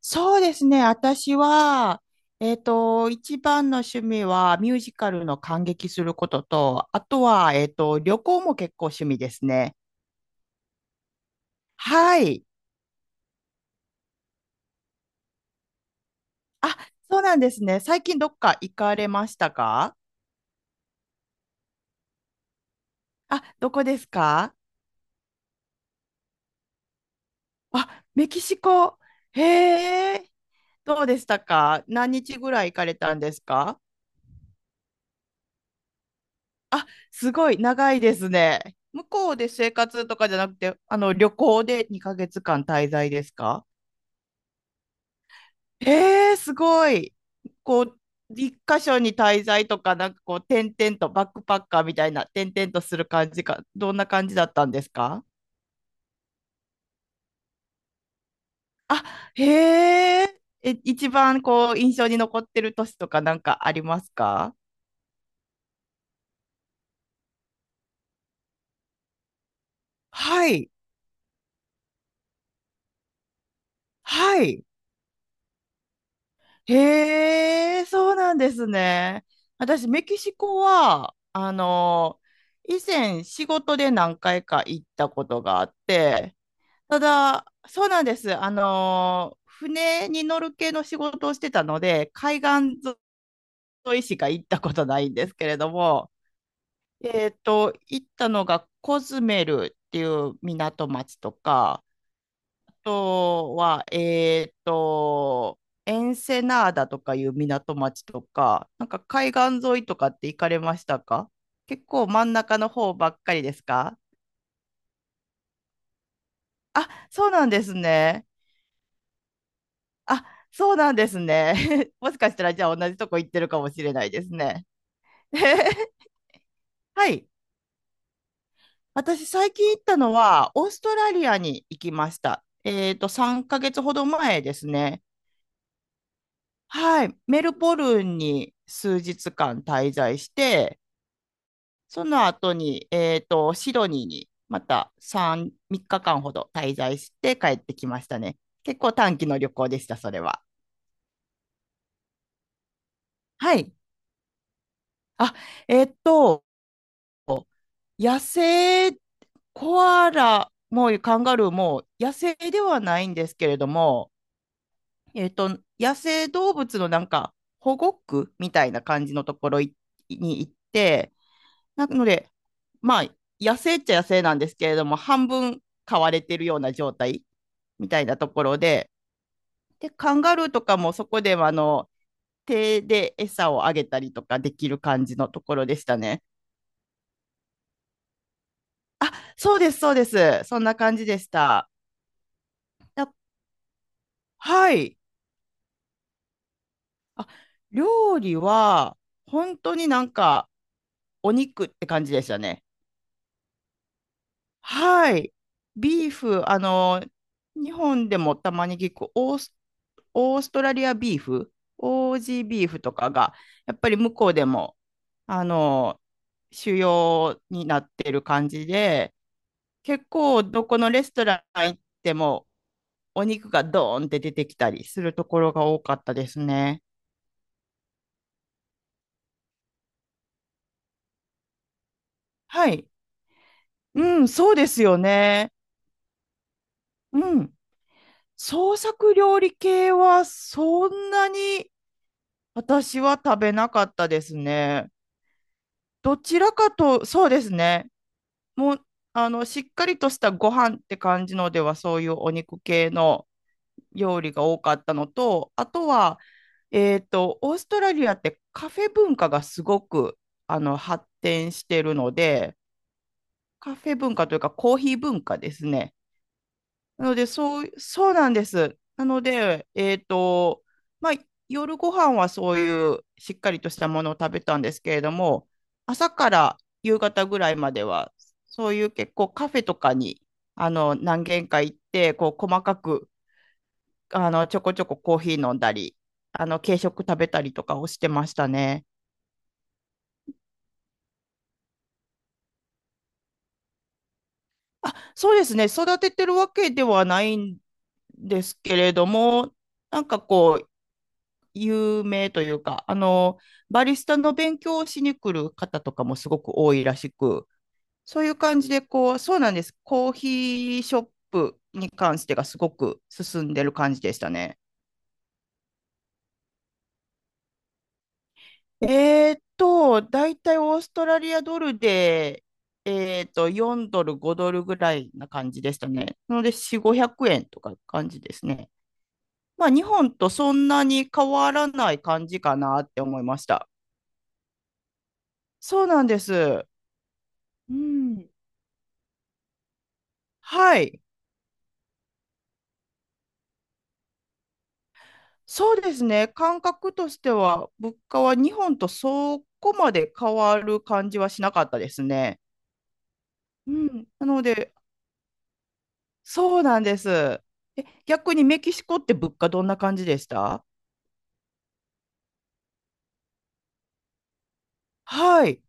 そうですね。私は、一番の趣味はミュージカルの観劇することと、あとは、旅行も結構趣味ですね。はい。あ、そうなんですね。最近どっか行かれましたか？あ、どこですか？あ、メキシコ。へえ、どうでしたか？何日ぐらい行かれたんですか？すごい長いですね。向こうで生活とかじゃなくて、あの、旅行で2ヶ月間滞在ですか？えー、すごい。こう、一箇所に滞在とか、なんかこう、転々と、バックパッカーみたいな、転々とする感じか、どんな感じだったんですか？あ、へえ、え、一番こう、印象に残ってる都市とかなんかありますか？はい、はい。へえ、そうなんですね。私、メキシコは、あの、以前仕事で何回か行ったことがあって、ただ、そうなんです。船に乗る系の仕事をしてたので、海岸沿いしか行ったことないんですけれども、行ったのがコズメルっていう港町とか、あとは、エンセナーダとかいう港町とか、なんか海岸沿いとかって行かれましたか？結構真ん中の方ばっかりですか？あ、そうなんですね。あ、そうなんですね。もしかしたら、じゃあ同じとこ行ってるかもしれないですね。はい。私、最近行ったのは、オーストラリアに行きました。3ヶ月ほど前ですね。はい。メルボルンに数日間滞在して、その後に、シドニーにまた3日間ほど滞在して帰ってきましたね。結構短期の旅行でした、それは。はい。あ、えっと、野生コアラもカンガルーも野生ではないんですけれども、野生動物のなんか保護区みたいな感じのところに行って、なので、まあ、野生っちゃ野生なんですけれども、半分飼われてるような状態みたいなところで、で、カンガルーとかもそこでは手で餌をあげたりとかできる感じのところでしたね。あ、そうです、そうです。そんな感じでした。だはい。あ、料理は、本当になんか、お肉って感じでしたね。はい。ビーフ、あの、日本でもたまに聞くオーストラリアビーフ、オージービーフとかが、やっぱり向こうでも、あの、主要になってる感じで、結構どこのレストラン行っても、お肉がドーンって出てきたりするところが多かったですね。はい。うん、そうですよね。うん。創作料理系はそんなに私は食べなかったですね。どちらかと、そうですね。もう、あの、しっかりとしたご飯って感じのでは、そういうお肉系の料理が多かったのと、あとは、オーストラリアってカフェ文化がすごく、あの、発展しているので、カフェ文化というかコーヒー文化ですね。なので、そう、そうなんです。なので、まあ、夜ご飯はそういうしっかりとしたものを食べたんですけれども、朝から夕方ぐらいまでは、そういう結構カフェとかに、あの、何軒か行って、こう、細かく、あの、ちょこちょこコーヒー飲んだり、あの、軽食食べたりとかをしてましたね。あ、そうですね。育ててるわけではないんですけれども、なんかこう、有名というか、あの、バリスタの勉強をしに来る方とかもすごく多いらしく、そういう感じで、こう、そうなんです。コーヒーショップに関してがすごく進んでる感じでしたね。だいたいオーストラリアドルで、4ドル、5ドルぐらいな感じでしたね。なので、4、500円とか感じですね。まあ、日本とそんなに変わらない感じかなって思いました。そうなんです。うん。はい。そうですね。感覚としては、物価は日本とそこまで変わる感じはしなかったですね。うん。なので、そうなんです。え、逆にメキシコって物価どんな感じでした？はい。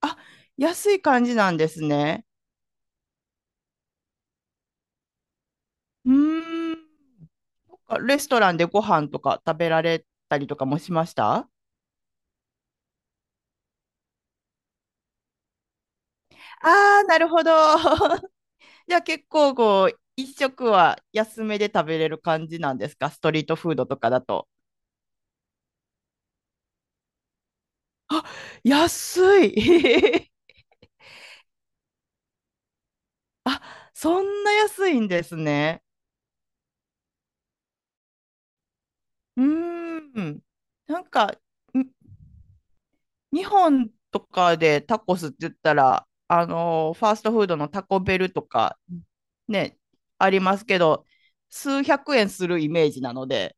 あ、安い感じなんですね。うーん。レストランでご飯とか食べられたりとかもしました？ああー、なるほど。じゃあ結構こう、一食は安めで食べれる感じなんですか？ストリートフードとかだと。あ、安い。へへ。あ、そんな安いんですね。うーん。なんか、に日本とかでタコスって言ったら、ファーストフードのタコベルとか、ね、ありますけど、数百円するイメージなので、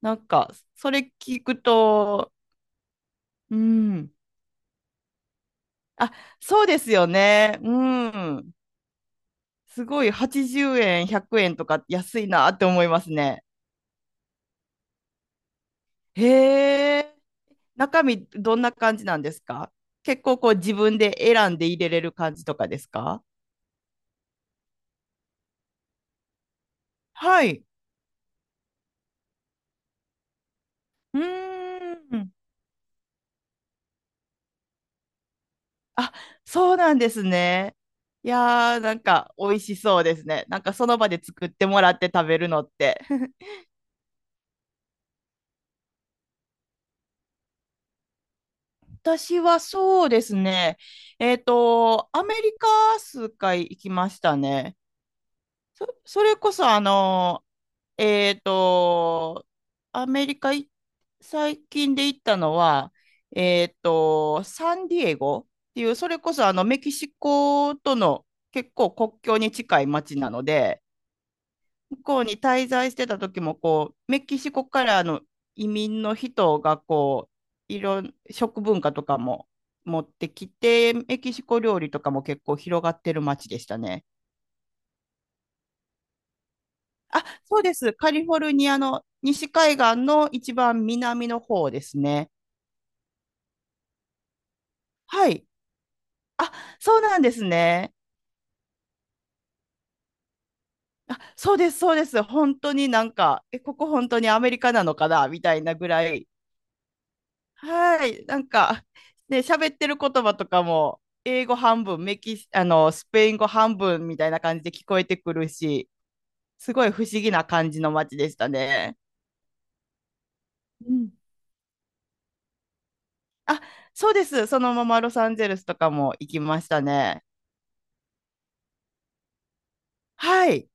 なんか、それ聞くと、うん。あ、そうですよね。うん。すごい80円、100円とか安いなって思いますね。へえ。中身どんな感じなんですか？結構こう自分で選んで入れれる感じとかですか？はい。うーん。あ、そうなんですね。いやー、なんか美味しそうですね。なんかその場で作ってもらって食べるのって。私はそうですね。アメリカ数回行きましたね。それこそえっと、アメリカい最近で行ったのは、サンディエゴっていう、それこそあのメキシコとの結構国境に近い町なので、向こうに滞在してた時もこう、メキシコからの移民の人がこう、いろん、食文化とかも持ってきて、メキシコ料理とかも結構広がってる町でしたね。あ、そうです。カリフォルニアの西海岸の一番南の方ですね。はい。あ、そうなんですね。あ、そうです、そうです。本当になんか、え、ここ本当にアメリカなのかなみたいなぐらい。はい。なんか、ね、喋ってる言葉とかも、英語半分、メキシ、あの、スペイン語半分みたいな感じで聞こえてくるし、すごい不思議な感じの街でしたね。うん。あ、そうです。そのままロサンゼルスとかも行きましたね。はい。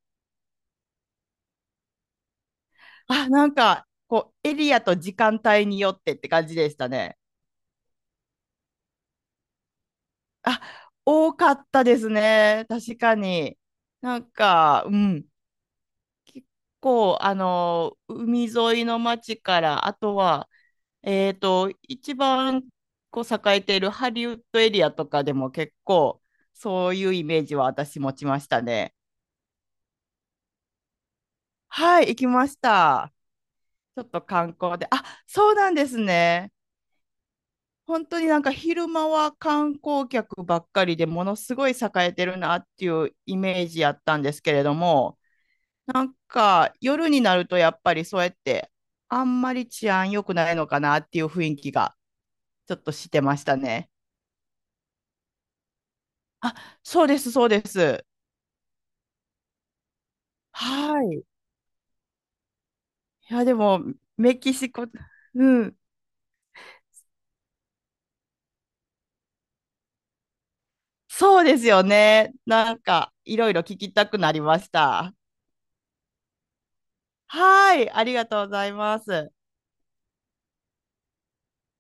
あ、なんか、こう、エリアと時間帯によってって感じでしたね。あ、多かったですね。確かに。なんか、うん。結構、あの、海沿いの町から、あとは、一番こう栄えているハリウッドエリアとかでも結構、そういうイメージは私持ちましたね。はい、行きました。ちょっと観光で。あ、そうなんですね。本当になんか昼間は観光客ばっかりでものすごい栄えてるなっていうイメージやったんですけれども、なんか夜になるとやっぱりそうやってあんまり治安良くないのかなっていう雰囲気がちょっとしてましたね。あ、そうです、そうです。はい。いや、でもメキシコ、うん、そうですよね。なんかいろいろ聞きたくなりました。はい、ありがとうございます。